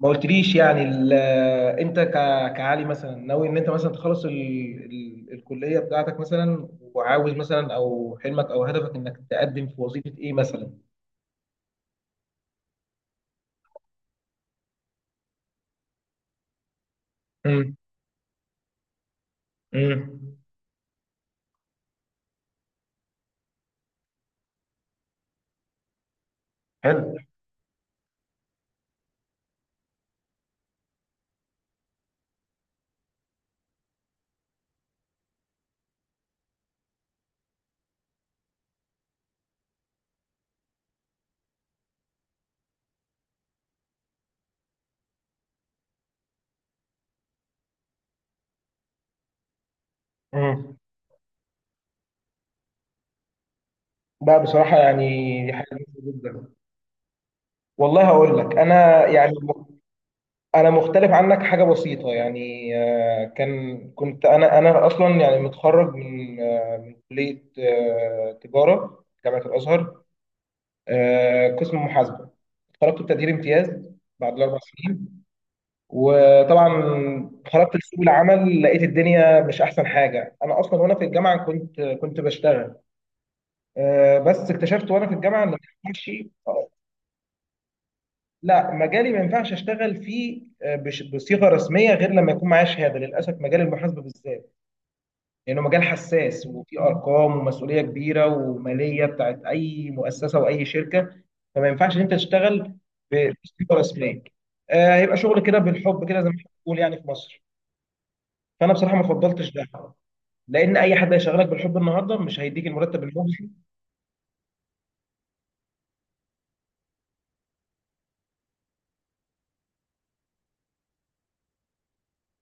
ما قلتليش يعني انت ك- كعلي مثلا ناوي ان انت مثلا تخلص الكليه بتاعتك مثلا، وعاوز مثلا، او حلمك او هدفك، انك تقدم في وظيفه ايه مثلا؟ امم. امم. حلو. امم. لا بصراحه يعني دي حاجه كويسة جدا. والله هقول لك انا يعني انا مختلف عنك حاجه بسيطه يعني، كنت انا اصلا يعني متخرج من من كليه تجاره جامعه الازهر، قسم محاسبه. خرجت بتقدير امتياز بعد الاربع سنين. وطبعا خرجت لسوق العمل لقيت الدنيا مش احسن حاجه. انا اصلا وانا في الجامعه كنت بشتغل. بس اكتشفت وانا في الجامعه ان ما ينفعش. آه، لا، مجالي ما ينفعش اشتغل فيه بصيغه رسميه غير لما يكون معايا شهاده، للاسف، مجال المحاسبه بالذات. لأنه مجال حساس وفيه أرقام ومسؤولية كبيرة ومالية بتاعت أي مؤسسة وأي شركة. فما ينفعش إن أنت تشتغل بسليبر سلاك. آه، هيبقى شغل كده بالحب كده زي ما احنا بنقول يعني في مصر. فأنا بصراحة ما فضلتش ده، لأن أي حد هيشغلك بالحب النهاردة مش هيديك المرتب المجزي.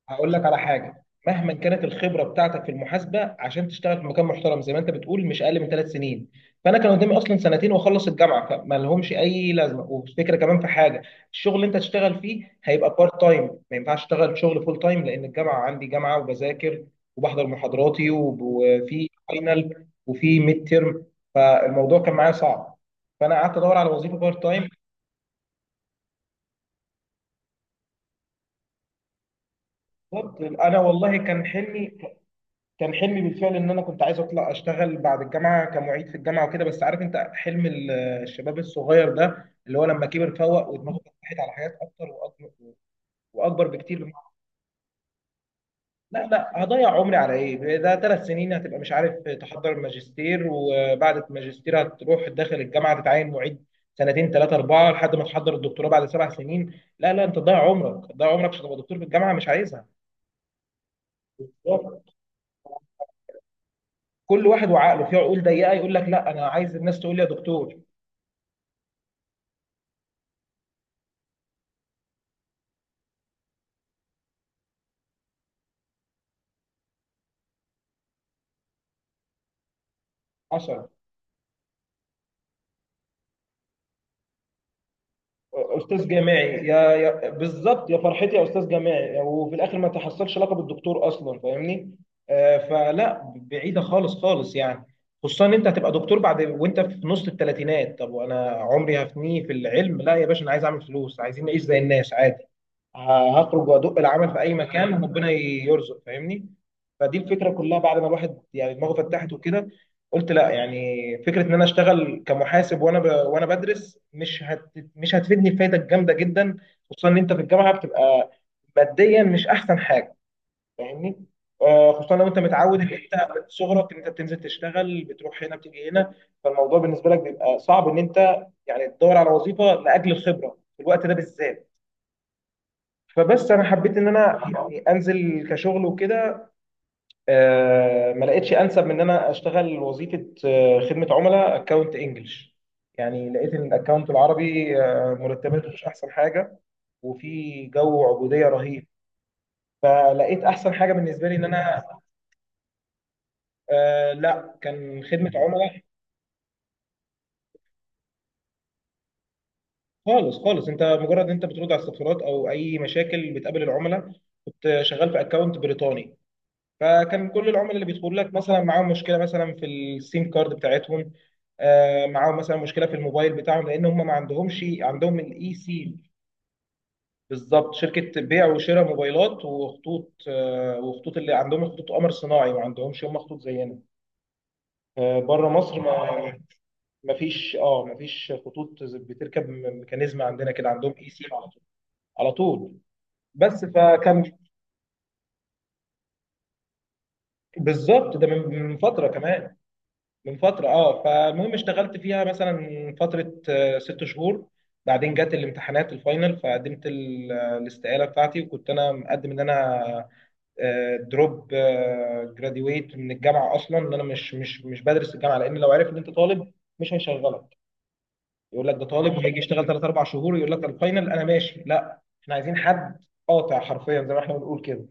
هقول لك على حاجه، مهما كانت الخبره بتاعتك في المحاسبه، عشان تشتغل في مكان محترم زي ما انت بتقول، مش اقل من ثلاث سنين. فانا كان قدامي اصلا سنتين واخلص الجامعه، فما لهمش اي لازمه. والفكره كمان في حاجه، الشغل اللي انت تشتغل فيه هيبقى بارت تايم. ما ينفعش اشتغل شغل فول تايم لان الجامعه عندي جامعه، وبذاكر وبحضر محاضراتي، وفي فاينل وفي ميد تيرم. فالموضوع كان معايا صعب. فانا قعدت ادور على وظيفه بارت تايم. بالظبط، انا والله كان حلمي، كان حلمي بالفعل ان انا كنت عايز اطلع اشتغل بعد الجامعه كمعيد في الجامعه وكده. بس عارف انت حلم الشباب الصغير ده اللي هو لما كبر فوق ودماغه فتحت على حاجات اكتر واكبر، واكبر بكتير. بمعنى، لا لا هضيع عمري على ايه ده؟ ثلاث سنين هتبقى مش عارف تحضر الماجستير، وبعد الماجستير هتروح داخل الجامعه تتعين معيد سنتين ثلاثه اربعه لحد ما تحضر الدكتوراه بعد سبع سنين. لا لا، انت تضيع عمرك، تضيع عمرك عشان تبقى دكتور في الجامعه؟ مش عايزها. كل واحد وعقله، في عقول ضيقه يقول لك لا، انا عايز الناس تقول لي يا دكتور. حصل. استاذ جامعي يا يا بالظبط، يا فرحتي يا استاذ جامعي، وفي الاخر ما تحصلش لقب الدكتور اصلا، فاهمني. فلا، بعيده خالص خالص يعني. خصوصا ان انت هتبقى دكتور بعد وانت في نص الثلاثينات. طب وانا عمري هفنيه في العلم؟ لا يا باشا، انا عايز اعمل فلوس، عايزين نعيش زي الناس عادي. هخرج وادق العمل في اي مكان ربنا يرزق، فاهمني. فدي الفكره كلها بعد ما الواحد يعني دماغه فتحت وكده. قلت لا، يعني فكره ان انا اشتغل كمحاسب وانا وانا بدرس، مش هتفيدني فايده جامده جدا. خصوصا ان انت في الجامعه بتبقى ماديا مش احسن حاجه، فاهمني. خصوصا لو انت متعود ان انت من صغرك ان انت بتنزل تشتغل، بتروح هنا بتيجي هنا. فالموضوع بالنسبه لك بيبقى صعب ان انت يعني تدور على وظيفه لاجل الخبره في الوقت ده بالذات. فبس انا حبيت ان انا يعني انزل كشغل وكده. ما لقيتش انسب من ان انا اشتغل وظيفه خدمه عملاء اكونت انجلش. يعني لقيت ان الاكونت العربي مرتباته مش احسن حاجه، وفي جو عبوديه رهيب. فلقيت احسن حاجه بالنسبه لي ان انا لا، كان خدمه عملاء. خالص خالص، انت مجرد انت بترد على استفسارات او اي مشاكل بتقابل العملاء. كنت شغال في اكونت بريطاني. فكان كل العملاء اللي بيدخلوا لك مثلا معاهم مشكله مثلا في السيم كارد بتاعتهم، معاهم مثلا مشكله في الموبايل بتاعهم، لان هم ما عندهمش عندهم الاي سيم. بالظبط، شركه بيع وشراء موبايلات وخطوط، وخطوط، اللي عندهم خطوط قمر صناعي ما عندهمش هم خطوط زينا. بره مصر ما، ما فيش، اه ما فيش خطوط بتركب ميكانيزم عندنا كده، عندهم اي سيم على طول. على طول. بس فكان. بالظبط ده من فتره كمان. من فترة. اه، فالمهم اشتغلت فيها مثلا فترة ست شهور. بعدين جت الامتحانات الفاينل، فقدمت الاستقالة بتاعتي، وكنت انا مقدم ان انا دروب جراديويت من الجامعة اصلا، ان انا مش بدرس الجامعة، لان لو عرف ان انت طالب مش هيشغلك. يقول لك ده طالب هيجي يشتغل ثلاث اربع شهور، يقول لك الفاينل انا ماشي، لا احنا عايزين حد قاطع حرفيا زي ما احنا بنقول كده،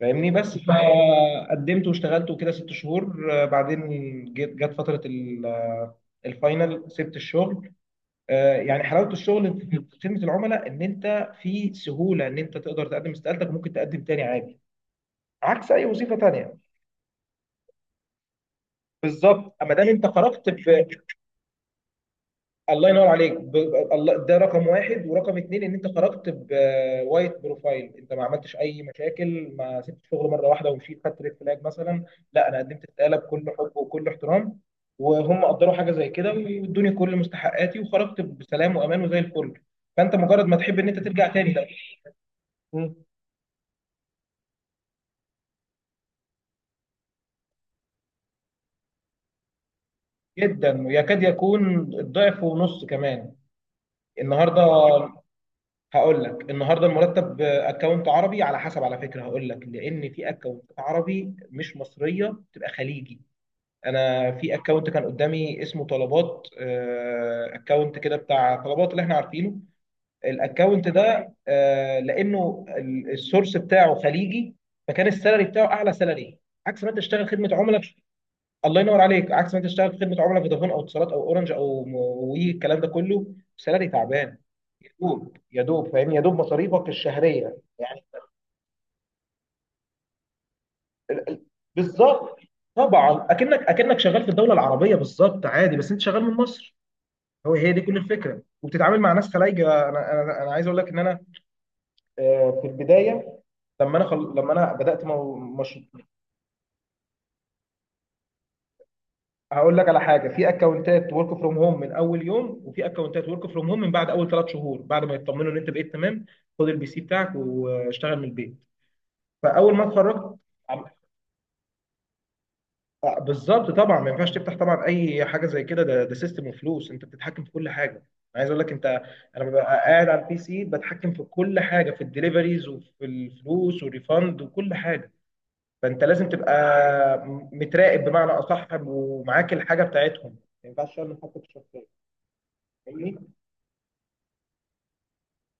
فاهمني. بس فقدمت واشتغلت وكده ست شهور. بعدين جت فترة الفاينل سبت الشغل. يعني حلاوة الشغل في خدمة العملاء ان انت في سهولة ان انت تقدر تقدم استقالتك وممكن تقدم تاني عادي، عكس اي وظيفة تانية. بالظبط، اما دام انت خرجت. الله ينور عليك. الله، ده رقم واحد، ورقم اتنين ان انت خرجت بوايت بروفايل، انت ما عملتش اي مشاكل، ما سبت شغل مره واحده ومشيت، خدت ريد فلاج مثلا. لا، انا قدمت استقاله بكل حب وكل احترام، وهم قدروا حاجه زي كده، وادوني كل مستحقاتي وخرجت بسلام وامان وزي الفل. فانت مجرد ما تحب ان انت ترجع تاني. لا. مم. جدا، ويكاد يكون الضعف ونص كمان النهارده. هقول لك النهارده، المرتب اكونت عربي، على حسب على فكره هقول لك، لان في اكونت عربي مش مصريه، بتبقى خليجي. انا في اكونت كان قدامي اسمه طلبات. اكونت كده بتاع طلبات اللي احنا عارفينه. الاكونت ده لانه السورس بتاعه خليجي، فكان السالري بتاعه اعلى سالري. عكس ما انت تشتغل خدمه عملاء. الله ينور عليك، عكس ما انت تشتغل في خدمه عملاء فودافون او اتصالات او اورنج او وي، الكلام ده كله سالري تعبان. يا دوب، يا دوب، فاهمني، يا دوب مصاريفك الشهريه يعني. ال- ال- بالظبط، طبعا اكنك شغال في الدوله العربيه، بالظبط عادي، بس انت شغال من مصر. هو هي دي كل الفكره، وبتتعامل مع ناس خلايجه. انا عايز اقول لك ان انا في البدايه، لما لما انا بدات مو... مش... هقول لك على حاجه، في اكونتات ورك فروم هوم من اول يوم، وفي اكونتات ورك فروم هوم من بعد اول ثلاث شهور بعد ما يطمنوا ان انت بقيت تمام. خد البي سي بتاعك واشتغل من البيت. فاول ما اتخرجت عم- بالظبط، طبعا ما ينفعش تفتح طبعا اي حاجه زي كده، ده ده سيستم وفلوس، انت بتتحكم في كل حاجه. أنا عايز اقول لك انت، انا ببقى قاعد على البي سي بتحكم في كل حاجه، في الدليفريز وفي الفلوس والريفند وكل حاجه. فانت لازم تبقى متراقب بمعنى اصح، ومعاك الحاجه بتاعتهم، ما ينفعش تعمل حاجه في الشخصيه.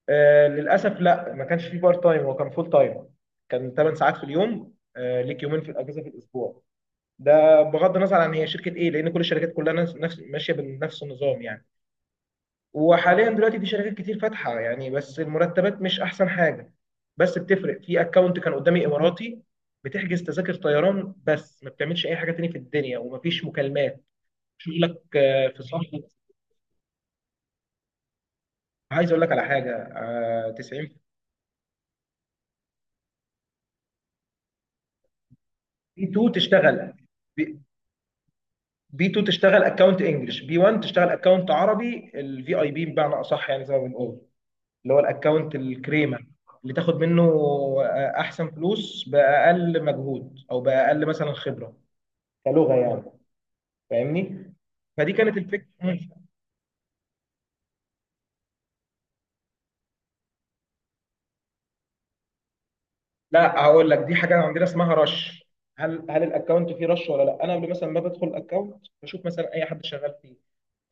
آه، للاسف لا، ما كانش في بارت تايم، هو كان فول تايم. كان 8 ساعات في اليوم، آه، ليك يومين في الاجازه في الاسبوع. ده بغض النظر عن هي شركه ايه، لان كل الشركات كلها نفس ماشيه بنفس النظام يعني. وحاليا دلوقتي في شركات كتير فاتحه يعني، بس المرتبات مش احسن حاجه. بس بتفرق. في اكونت كان قدامي اماراتي، بتحجز تذاكر طيران بس، ما بتعملش اي حاجه تاني في الدنيا، ومفيش مكالمات. شغلك في صفحه. عايز اقول لك على حاجه، 90 في 2 تشتغل. بي 2 تشتغل اكونت انجلش، بي 1 تشتغل اكونت عربي، الفي اي بي بمعنى اصح، يعني زي ما بنقول اللي هو الاكونت الكريمه، اللي تاخد منه احسن فلوس باقل مجهود، او باقل مثلا خبره، كلغه يعني، فاهمني. فدي كانت الفكره. مم. لا، هقول لك، دي حاجه عندنا اسمها رش. هل الاكونت فيه رش ولا لا؟ انا قبل مثلا ما بدخل الاكونت بشوف مثلا اي حد شغال فيه،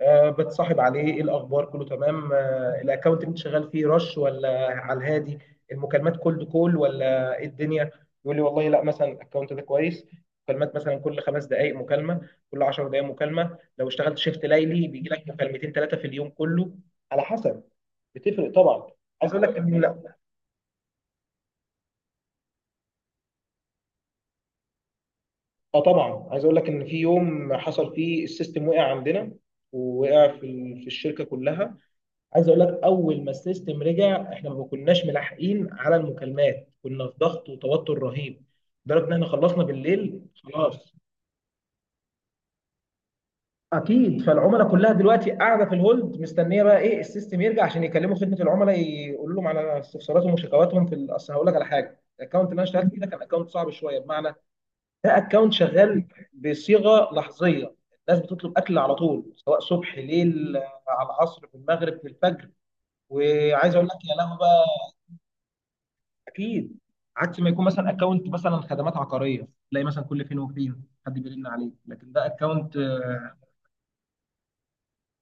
بتصاحب عليه ايه الاخبار، كله تمام، الاكونت اللي انت شغال فيه رش ولا على الهادي؟ المكالمات كولد كول ولا ايه الدنيا؟ يقول لي والله لا، مثلا الاكونت ده كويس، مكالمات مثلا كل خمس دقائق مكالمه، كل 10 دقائق مكالمه، لو اشتغلت شيفت ليلي بيجي لك مكالمتين ثلاثه في اليوم كله، على حسب. بتفرق طبعا. عايز اقول لك ان لا، اه طبعا عايز اقول لك ان في يوم حصل فيه السيستم وقع عندنا، ووقع في في الشركه كلها. عايز اقول لك، اول ما السيستم رجع احنا ما كناش ملاحقين على المكالمات، كنا في ضغط وتوتر رهيب لدرجه ان احنا خلصنا بالليل خلاص. اكيد، فالعملاء كلها دلوقتي قاعده في الهولد مستنيه بقى ايه، السيستم يرجع عشان يكلموا خدمه العملاء يقولوا لهم على استفساراتهم وشكواتهم في اصل. هقول لك على حاجه، الاكونت اللي انا اشتغلت فيه ده كان اكونت صعب شويه، بمعنى ده اكونت شغال بصيغه لحظيه. الناس بتطلب اكل على طول، سواء صبح ليل، على العصر، في المغرب، في الفجر. وعايز اقول لك يا لهوي بقى. اكيد. عكس ما يكون مثلا اكونت مثلا خدمات عقاريه، تلاقي مثلا كل فين وفين حد بيرن عليك، لكن ده اكونت، اه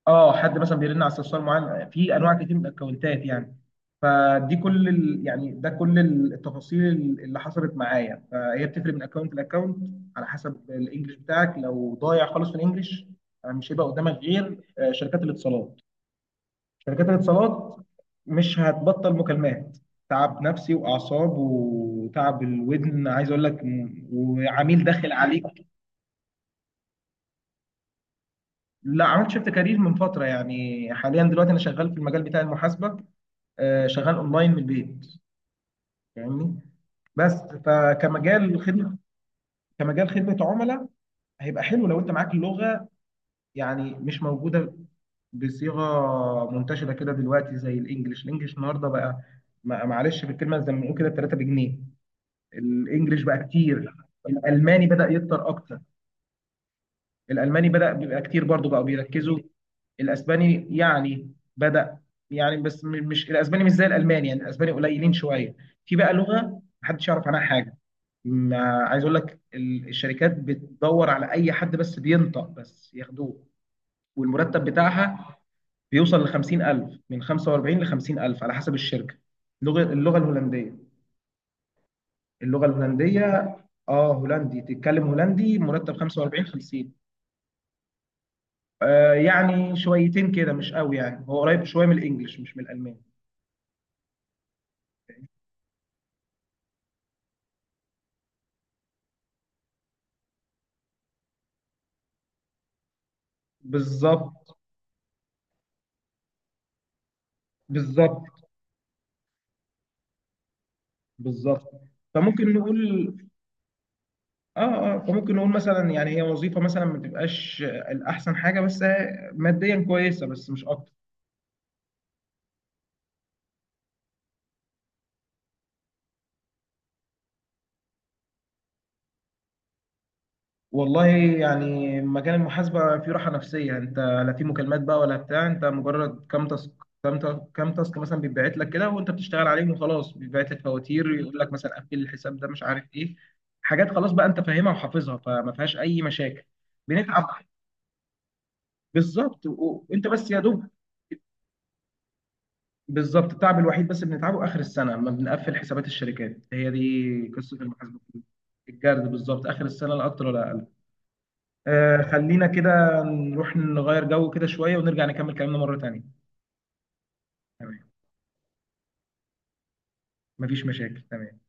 حد مثلا بيرن على استفسار معين في انواع كتير من الاكونتات يعني. يعني ده كل التفاصيل اللي حصلت معايا، فهي بتفرق من اكونت لاكونت على حسب الانجليش بتاعك. لو ضايع خالص في الانجليش مش هيبقى قدامك غير شركات الاتصالات. شركات الاتصالات مش هتبطل مكالمات. تعب نفسي واعصاب وتعب الودن، عايز اقول لك وعميل داخل عليك. لا، عملت شيفت كارير من فتره، يعني حاليا دلوقتي انا شغال في المجال بتاع المحاسبه، شغال اونلاين من البيت، فاهمني. بس فكمجال خدمه، كمجال خدمه عملاء هيبقى حلو لو انت معاك اللغه، يعني مش موجوده بصيغه منتشره كده دلوقتي زي الانجليش. الانجليش النهارده بقى، معلش في الكلمه زي ما بنقول كده 3 بجنيه. الانجليش بقى كتير. الالماني بدأ يكتر اكتر. الالماني بدأ بيبقى كتير برضو، بقوا بيركزوا. الاسباني يعني بدأ، يعني بس مش الاسباني مش زي الالماني، يعني الاسباني قليلين شوية. في بقى لغة محدش يعرف عنها حاجة، ما عايز اقول لك الشركات بتدور على اي حد بس بينطق بس ياخدوه. والمرتب بتاعها بيوصل ل 50000، من 45 ل 50000 على حسب الشركة. اللغة، اللغة الهولندية. اللغه الهولنديه. اه هولندي، تتكلم هولندي مرتب 45 50. آه يعني شويتين كده مش قوي، يعني هو قريب شويه من الانجليش مش من الالماني. بالظبط. بالظبط. بالظبط. فممكن نقول، اه اه فممكن نقول مثلا يعني هي وظيفه مثلا ما تبقاش الاحسن حاجه، بس ماديا كويسه بس مش اكتر. والله يعني مجال المحاسبة فيه راحة نفسية، انت لا في مكالمات بقى ولا بتاع. انت مجرد كام تاسك، كام تاسك مثلا بيتبعت لك كده، وانت بتشتغل عليهم وخلاص. بيتبعت لك فواتير، يقول لك مثلا قفل الحساب ده مش عارف ايه، حاجات خلاص بقى انت فاهمها وحافظها، فما فيهاش اي مشاكل. بنتعب بالظبط، وانت بس يا دوب. بالظبط، التعب الوحيد بس اللي بنتعبه اخر السنة لما بنقفل حسابات الشركات. هي دي قصة المحاسبة كلها. الجرد بالظبط اخر السنة، لا اكتر ولا اقل. آه، خلينا كده نروح نغير جو كده شوية ونرجع نكمل كلامنا مرة تانية. تمام، مفيش مشاكل، تمام.